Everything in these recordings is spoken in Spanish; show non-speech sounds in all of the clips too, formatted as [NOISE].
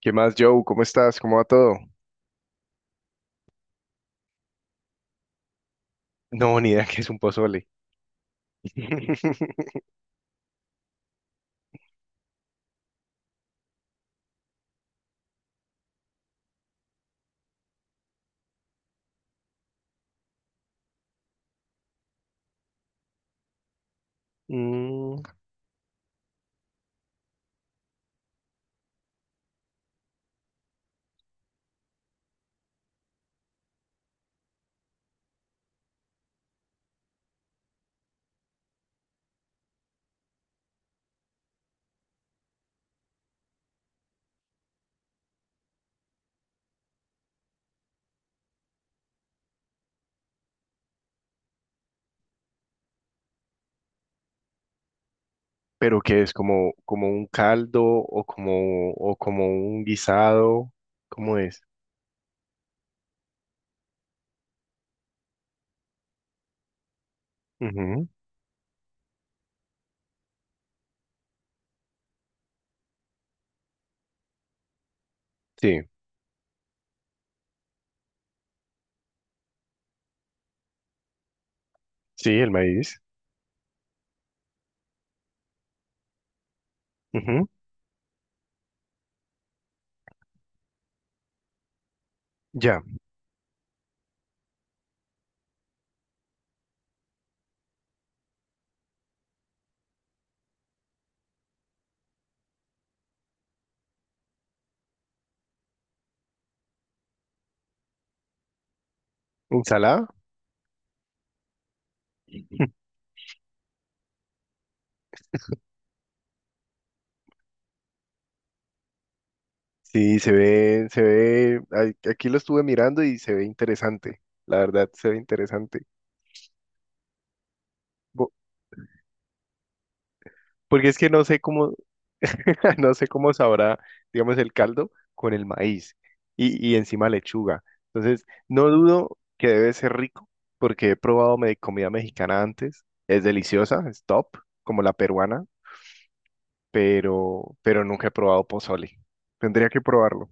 ¿Qué más, Joe? ¿Cómo estás? ¿Cómo va todo? No, ni idea [LAUGHS] que es un pozole. [LAUGHS] Mm. ¿Pero qué es? ¿Como como un caldo o como un guisado? ¿Cómo es? Ujú. Sí, sí, el maíz. Ujú. Ya. ¿Ensalada? [LAUGHS] Sí, se ve, ay, aquí lo estuve mirando y se ve interesante. La verdad, se ve interesante. Bo- Porque es que no sé cómo. [LAUGHS] No sé cómo sabrá, digamos, el caldo con el maíz y encima lechuga. Entonces, no dudo que debe ser rico porque he probado comida mexicana antes. Es deliciosa, es top, como la peruana, pero nunca he probado pozole. Tendría que probarlo.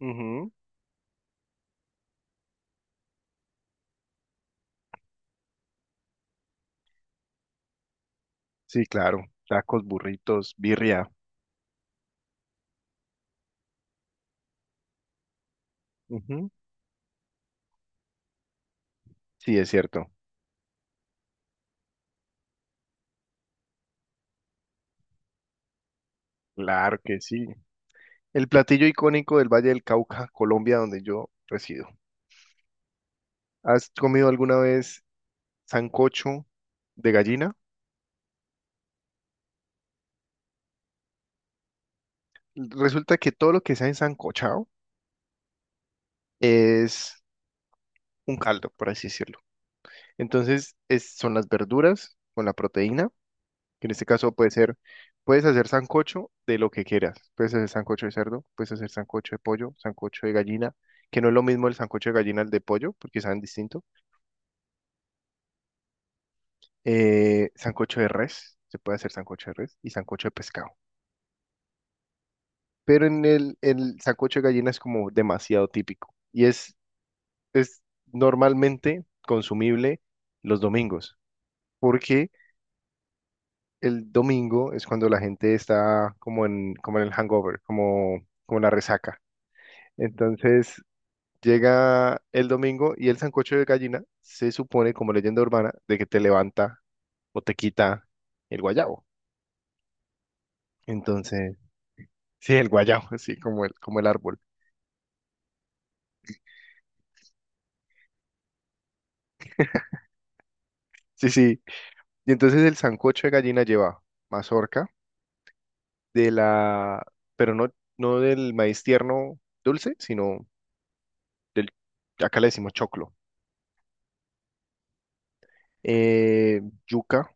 Ujú. Sí, claro. Tacos, burritos, birria. Ujú. Sí, es cierto. Claro que sí. El platillo icónico del Valle del Cauca, Colombia, donde yo resido. ¿Has comido alguna vez? Sancocho de gallina. Resulta que todo lo que sea ensancochado es un caldo, por así decirlo. Entonces es, son las verduras con la proteína, que en este caso puede ser, puedes hacer sancocho de lo que quieras. Puedes hacer sancocho de cerdo, puedes hacer sancocho de pollo, sancocho de gallina, que no es lo mismo el sancocho de gallina al de pollo, porque saben distinto. Sancocho de res, se puede hacer sancocho de res y sancocho de pescado. Pero en el sancocho de gallina es como demasiado típico. Y es normalmente consumible los domingos, porque el domingo es cuando la gente está como en como en el hangover, como, como en la resaca. Entonces llega el domingo y el sancocho de gallina se supone como leyenda urbana de que te levanta o te quita el guayabo. Entonces, sí, el guayabo, [LAUGHS] así como el como el árbol. Sí, sí. Y entonces el sancocho de gallina lleva mazorca, de la, pero no, no del maíz tierno dulce, sino del, acá le decimos choclo. Eh, yuca,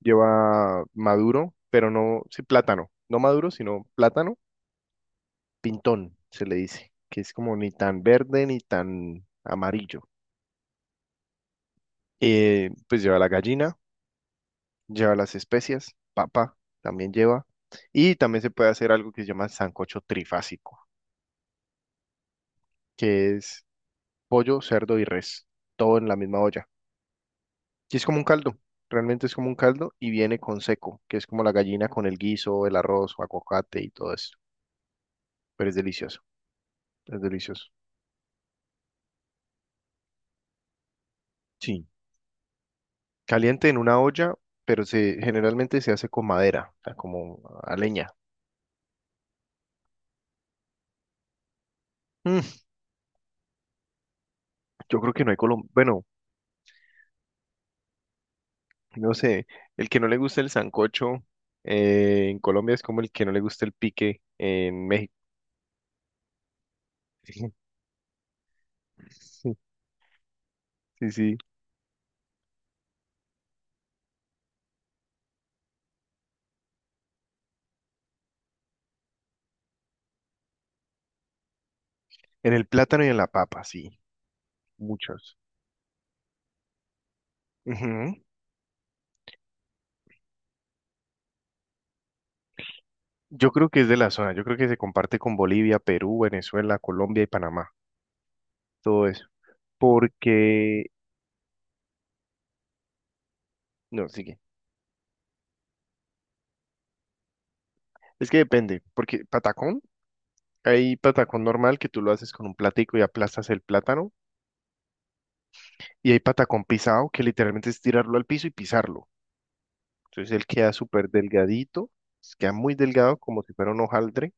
lleva maduro, pero no, sí, plátano, no maduro, sino plátano, pintón se le dice, que es como ni tan verde ni tan amarillo. Pues lleva la gallina, lleva las especias, papa también lleva, y también se puede hacer algo que se llama sancocho trifásico, que es pollo, cerdo y res, todo en la misma olla. Sí, es como un caldo, realmente es como un caldo y viene con seco, que es como la gallina con el guiso, el arroz, aguacate y todo eso. Pero es delicioso, es delicioso. Sí. Caliente en una olla, pero se, generalmente se hace con madera, o sea, como a leña. Mm, yo creo que no hay Colombia, bueno, no sé, el que no le gusta el sancocho, en Colombia es como el que no le gusta el pique en México. [LAUGHS] Sí, sí, en el plátano y en la papa, sí, muchos. Ujú. Yo creo que es de la zona, yo creo que se comparte con Bolivia, Perú, Venezuela, Colombia y Panamá, todo eso. Porque, no, sigue. Es que depende, porque patacón, hay patacón normal que tú lo haces con un platico y aplastas el plátano, y hay patacón pisado que literalmente es tirarlo al piso y pisarlo. Entonces él queda súper delgadito, queda muy delgado como si fuera un hojaldre,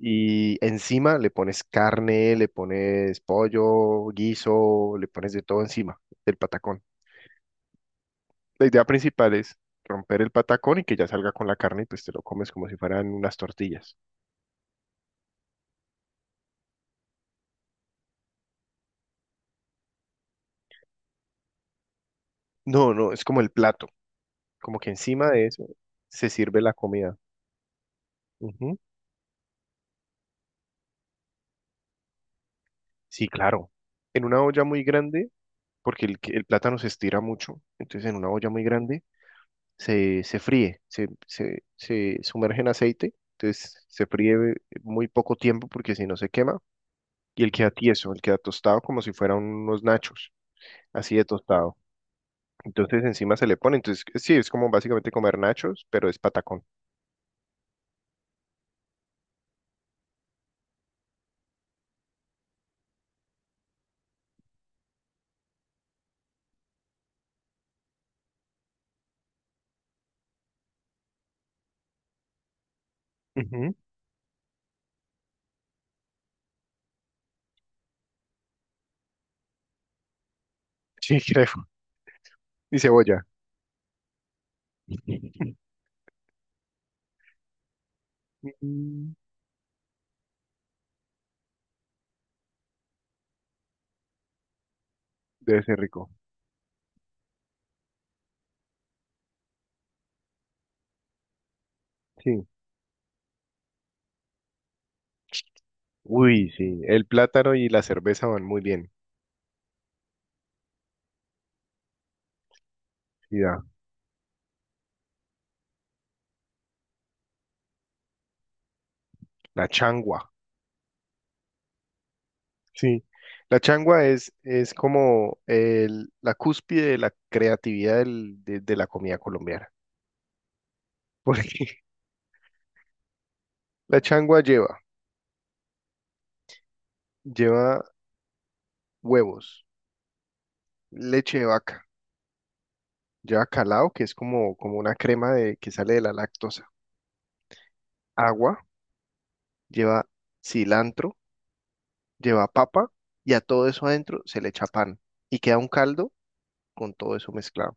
y encima le pones carne, le pones pollo, guiso, le pones de todo encima del patacón. La idea principal es romper el patacón y que ya salga con la carne y pues te lo comes como si fueran unas tortillas. No, no, es como el plato, como que encima de eso se sirve la comida. Ujú. Sí, claro. En una olla muy grande, porque el plátano se estira mucho, entonces en una olla muy grande se se fríe, se sumerge en aceite, entonces se fríe muy poco tiempo porque si no se quema y él queda tieso, él queda tostado como si fueran unos nachos, así de tostado. Entonces encima se le pone. Entonces, sí, es como básicamente comer nachos, pero es patacón. Ujú. Sí, [LAUGHS] creo. Y cebolla. Mm. Debe ser rico. Sí. Uy, sí. El plátano y la cerveza van muy bien. Sí, da. La changua. Sí. La changua es como el, la cúspide de la creatividad del- de la comida colombiana. Porque [LAUGHS] la changua lleva lleva huevos, leche de vaca, lleva calao, que es como, como una crema de, que sale de la lactosa, agua, lleva cilantro, lleva papa, y a todo eso adentro se le echa pan y queda un caldo con todo eso mezclado.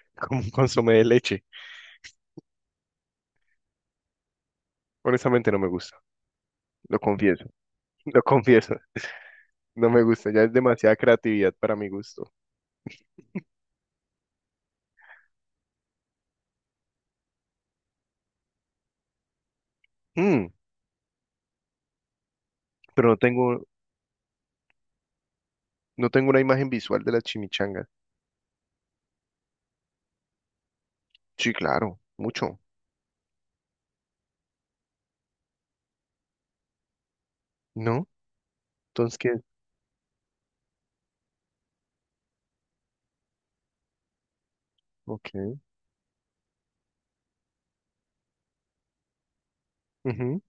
[LAUGHS] Como un consomé de leche. Honestamente no me gusta, lo confieso, [LAUGHS] lo confieso, no me gusta, ya es demasiada creatividad para mi gusto. Mm, pero no tengo, no tengo una imagen visual de las chimichangas. Sí, claro, mucho. ¿No? Entonces, ¿qué? Ok. Ujú.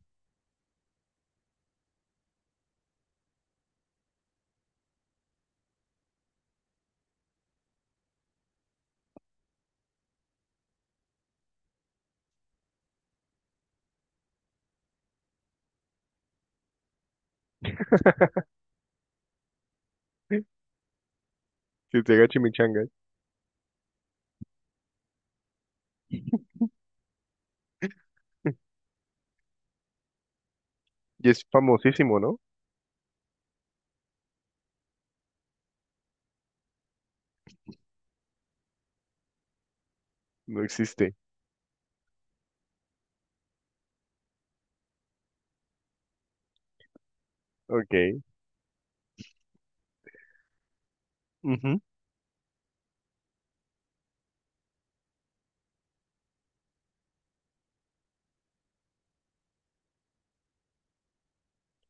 [LAUGHS] Que se haga chimichangas. [LAUGHS] Y es famosísimo, ¿no? No existe. Ok. Ujú.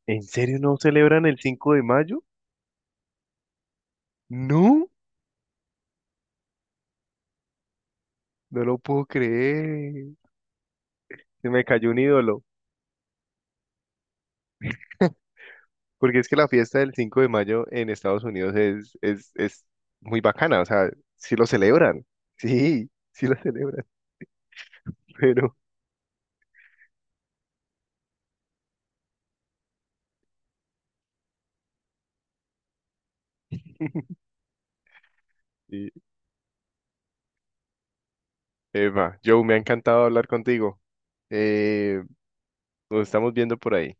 ¿En serio no celebran el 5 de mayo? No, no lo puedo creer. Se me cayó un ídolo. Porque es que la fiesta del 5 de mayo en Estados Unidos es es muy bacana. O sea, sí lo celebran. Sí, sí lo celebran. [LAUGHS] Pero, y, Eva, Joe, me ha encantado hablar contigo. Eh, nos estamos viendo por ahí.